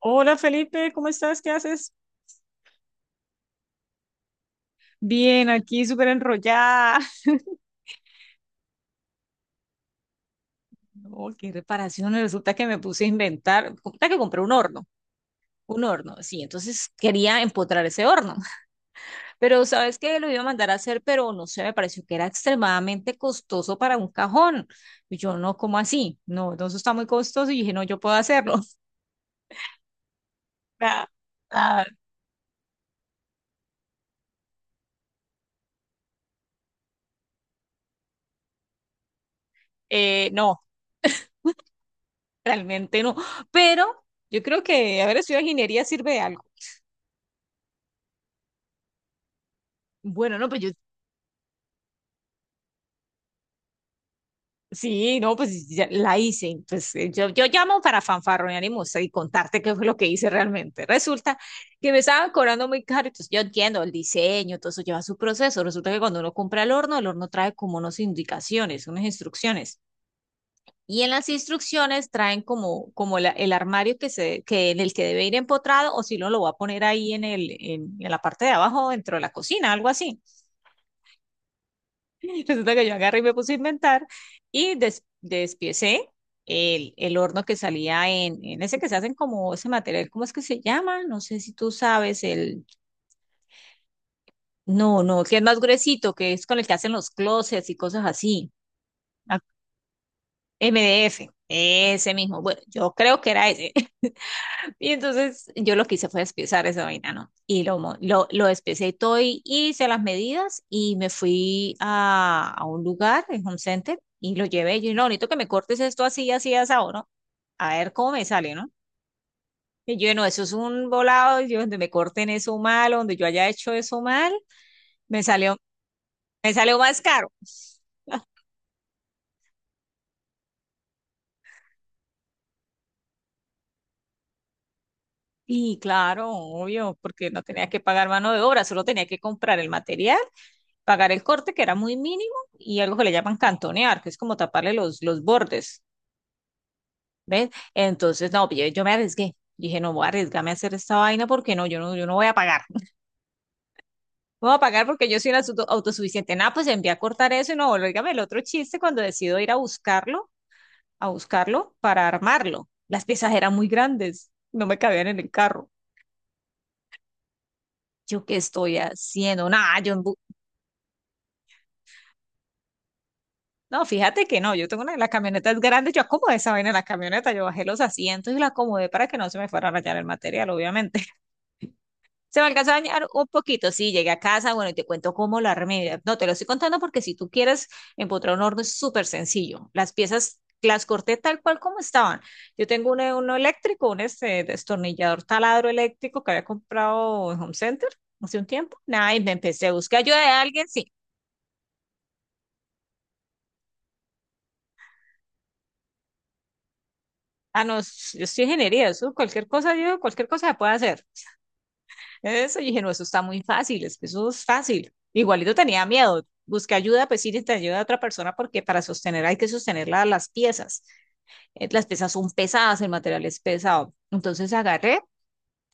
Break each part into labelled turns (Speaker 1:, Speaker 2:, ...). Speaker 1: Hola Felipe, ¿cómo estás? ¿Qué haces? Bien, aquí súper enrollada. No, qué reparaciones. Resulta que me puse a inventar. Resulta que compré un horno. Un horno, sí. Entonces quería empotrar ese horno. Pero sabes que lo iba a mandar a hacer, pero no sé, me pareció que era extremadamente costoso para un cajón. Y yo no, ¿cómo así? No, entonces está muy costoso. Y dije, no, yo puedo hacerlo. Ah, ah, no, realmente no. Pero yo creo que haber estudiado ingeniería sirve de algo. Bueno, no, pero yo. Sí, no, pues ya la hice. Pues yo llamo para fanfarronear y mostrar y contarte qué fue lo que hice realmente. Resulta que me estaban cobrando muy caro. Entonces yo entiendo el diseño, todo eso lleva su proceso. Resulta que cuando uno compra el horno trae como unas indicaciones, unas instrucciones. Y en las instrucciones traen como, como el armario que se, que en el que debe ir empotrado o si no lo va a poner ahí en el, en la parte de abajo dentro de la cocina, algo así. Resulta que yo agarré y me puse a inventar y despiecé el horno que salía en ese que se hacen como ese material, ¿cómo es que se llama? No sé si tú sabes, no, no, que es más gruesito, que es con el que hacen los closets y cosas así. Ah, MDF, ese mismo. Bueno, yo creo que era ese. Y entonces yo lo que hice fue despiezar esa vaina, ¿no? Y lo despiecé y todo y hice las medidas y me fui a un lugar, en Home Center, y lo llevé. Y yo, no, bonito que me cortes esto así, así, asado, ¿no? A ver cómo me sale, ¿no? Y yo, no, eso es un volado, y yo, donde me corten eso mal, donde yo haya hecho eso mal. me salió, Me salió más caro. Y claro, obvio, porque no tenía que pagar mano de obra, solo tenía que comprar el material, pagar el corte, que era muy mínimo, y algo que le llaman cantonear, que es como taparle los bordes, ¿ves? Entonces, no, yo me arriesgué. Dije, no voy a arriesgarme a hacer esta vaina porque no, yo no voy a pagar. No voy a pagar porque yo soy una autosuficiente. Nada, pues envié a cortar eso y no, dígame el otro chiste cuando decido ir a buscarlo para armarlo. Las piezas eran muy grandes, no me cabían en el carro. Yo qué estoy haciendo, nada, yo No, fíjate que no, yo tengo una de las camionetas grandes, yo acomodé esa vaina en la camioneta, yo bajé los asientos y la acomodé para que no se me fuera a rayar el material, obviamente. Se me alcanzó a dañar un poquito, sí, llegué a casa, bueno, y te cuento cómo lo armé. No, te lo estoy contando porque si tú quieres empotrar un horno es súper sencillo. Las piezas las corté tal cual como estaban. Yo tengo uno, uno eléctrico, un este destornillador taladro eléctrico que había comprado en Home Center hace un tiempo. Nada, y me empecé a buscar ayuda de alguien, sí. Ah, no, yo soy ingeniería, eso, cualquier cosa, yo, cualquier cosa se puede hacer. Eso, y dije, no, eso está muy fácil, es que eso es fácil. Igualito tenía miedo. Busqué ayuda, pues sí, te ayuda a otra persona porque para sostener hay que sostener las piezas. Las piezas son pesadas, el material es pesado. Entonces agarré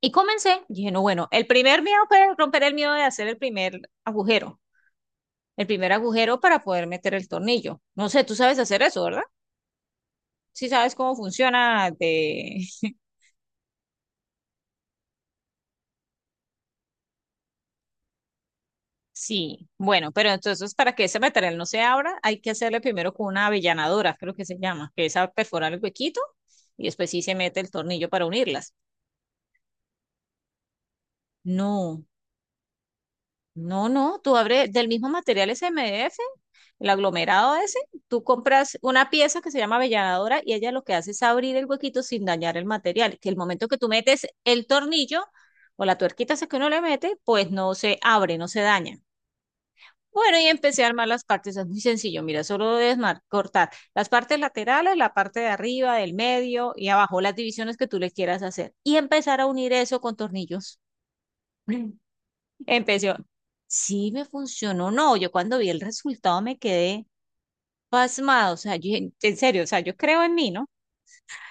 Speaker 1: y comencé. Dije, no, bueno, el primer miedo fue romper el miedo de hacer el primer agujero para poder meter el tornillo. No sé, tú sabes hacer eso, ¿verdad? Sí sabes cómo funciona de. Sí, bueno, pero entonces para que ese material no se abra, hay que hacerle primero con una avellanadora, creo que se llama, que es a perforar el huequito y después sí se mete el tornillo para unirlas. No, no, no, tú abres del mismo material SMF, el aglomerado ese, tú compras una pieza que se llama avellanadora y ella lo que hace es abrir el huequito sin dañar el material, que el momento que tú metes el tornillo o la tuerquita esa que uno le mete, pues no se abre, no se daña. Bueno, y empecé a armar las partes, es muy sencillo, mira, solo debes cortar las partes laterales, la parte de arriba, del medio y abajo, las divisiones que tú le quieras hacer y empezar a unir eso con tornillos. Empecé, sí me funcionó, no, yo cuando vi el resultado me quedé pasmado, o sea, yo, en serio, o sea, yo creo en mí, ¿no?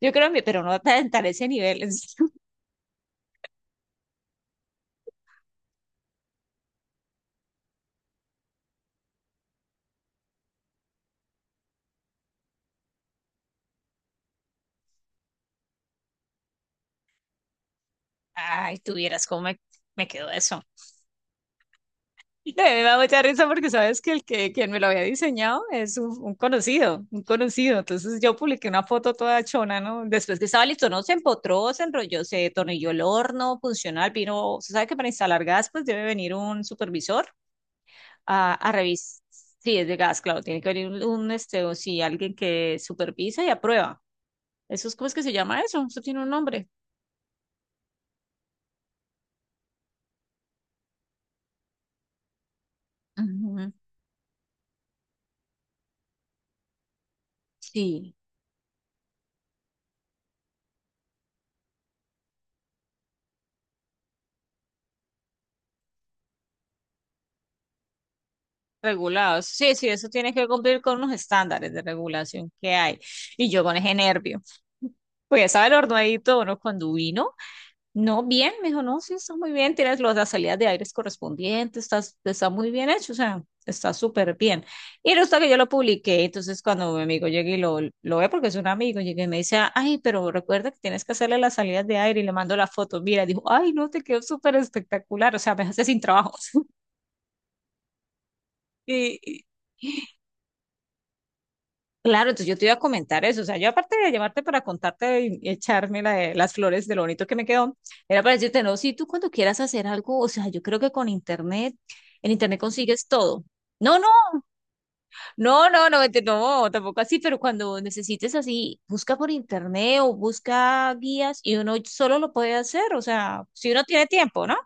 Speaker 1: Yo creo, pero no tan, tan ese nivel. En serio. Ay, tuvieras cómo me, me quedó eso. No, me da mucha risa porque sabes que el que quien me lo había diseñado es un conocido, un conocido. Entonces yo publiqué una foto toda chona, ¿no? Después que estaba listo, no se empotró, se enrolló, se tornilló el horno funcional, vino, se sabe que para instalar gas, pues debe venir un supervisor. A, a revisar. Sí, es de gas, claro, tiene que haber un, este, o sí, alguien que supervisa y aprueba. Eso es, ¿cómo es que se llama eso? Eso tiene un nombre. Ujú, sí. Regulados. Sí, sí, eso tiene que cumplir con unos estándares de regulación que hay. Y yo con ese nervio. Pues ya estaba el horno ahí todo, ¿no? Cuando vino. No, bien, me dijo, no, sí, está muy bien, tienes las salidas de aires correspondientes, estás, está muy bien hecho, o sea, está súper bien. Y resulta que yo lo publiqué, entonces cuando mi amigo llegue y lo ve, porque es un amigo, llegue y me dice, ay, pero recuerda que tienes que hacerle las salidas de aire y le mando la foto, mira, dijo, ay, no, te quedó súper espectacular, o sea, me hace sin trabajo. Y, Claro, entonces yo te iba a comentar eso. O sea, yo aparte de llamarte para contarte y echarme las flores de lo bonito que me quedó, era para decirte, no, si tú cuando quieras hacer algo, o sea, yo creo que con internet, en internet consigues todo. No, no, no, no, no, vete, no, tampoco así, pero cuando necesites así, busca por internet o busca guías y uno solo lo puede hacer, o sea, si uno tiene tiempo, ¿no?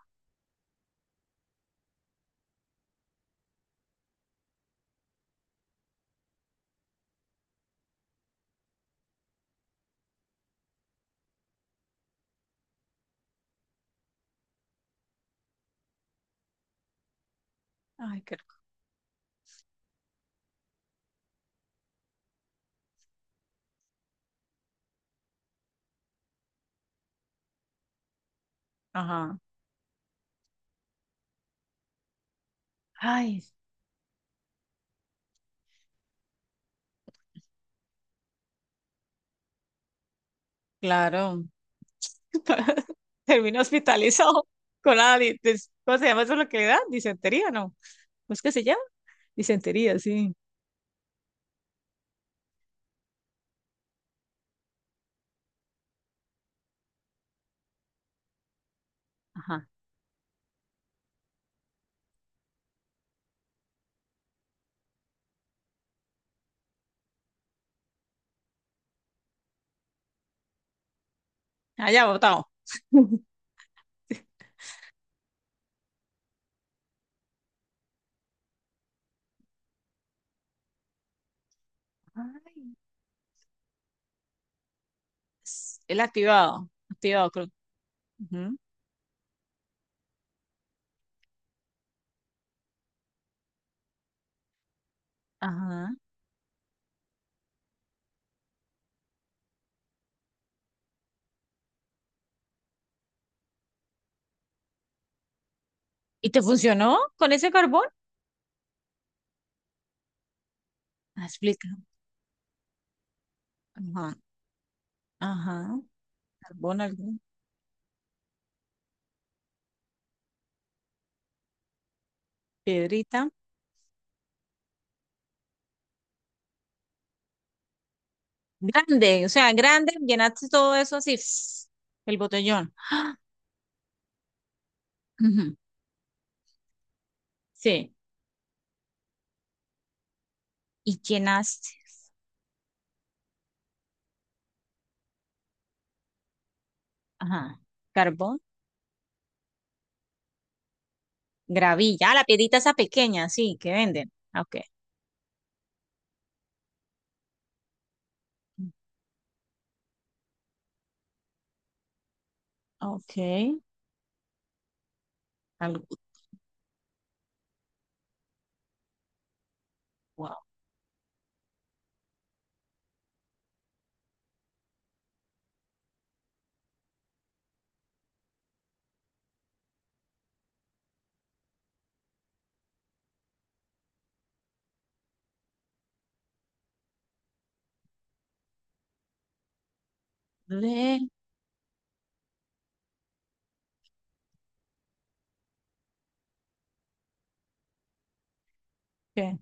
Speaker 1: Ay, qué rico. Ajá. Ay, claro. Terminó hospitalizado con ¿cómo se llama eso lo que le da? Disentería, ¿no? ¿Cómo es que se llama? Disentería, sí. Ajá. Allá botado. Ay. Es el activado, activado, creo. Ujú. Ajá. ¿Y te funcionó con ese carbón? Ah, explica. Ajá, ajá. Carbón, algún, piedrita. Grande, o sea, grande, llenaste todo eso así, pss, el botellón. Ah, ujú, sí, y llenaste. Ajá. Carbón. Gravilla. Ah, la piedrita esa pequeña, sí, que venden. Ah, ok. Ok, algo wow, de, ¿qué?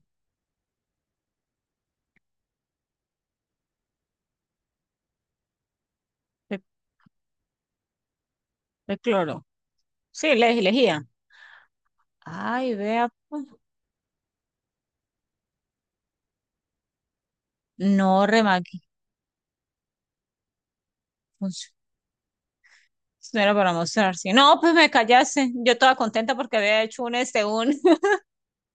Speaker 1: De, de cloro. Sí, le lejía. Ay, vea, pues, no remaqui. Pues, eso no era para mostrar. Sí. No, pues me callase. Yo estaba contenta porque había hecho un, este, un,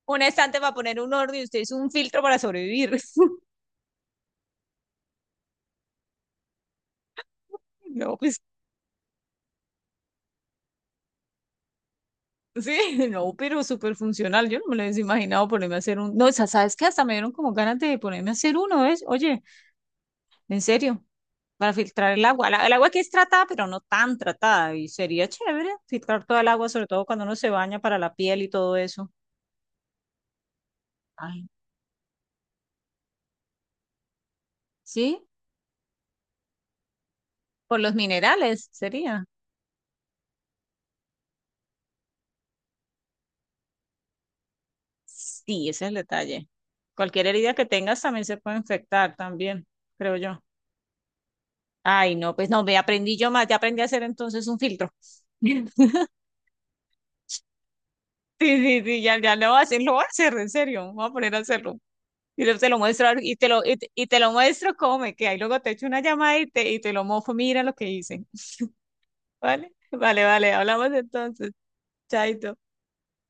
Speaker 1: un estante para poner un orden y usted hizo un filtro para sobrevivir. No, pues sí, no, pero súper funcional. Yo no me lo hubiese imaginado ponerme a hacer un. No, o sea, sabes que hasta me dieron como ganas de ponerme a hacer uno, ¿ves? Oye, en serio, para filtrar el agua. El agua que es tratada, pero no tan tratada. Y sería chévere filtrar toda el agua, sobre todo cuando uno se baña para la piel y todo eso. Ay, ¿sí? Por los minerales sería. Sí, ese es el detalle. Cualquier herida que tengas también se puede infectar también, creo yo. Ay, no, pues no, me aprendí yo más, ya aprendí a hacer entonces un filtro. Sí, sí, sí, ya, ya lo voy a hacer, lo voy a hacer, en serio, voy a poner a hacerlo. Y te lo muestro, y te lo muestro cómo me queda. Y luego te echo una llamada y te lo mofo, mira lo que hice. Vale, vale, vale, hablamos entonces. Chaito.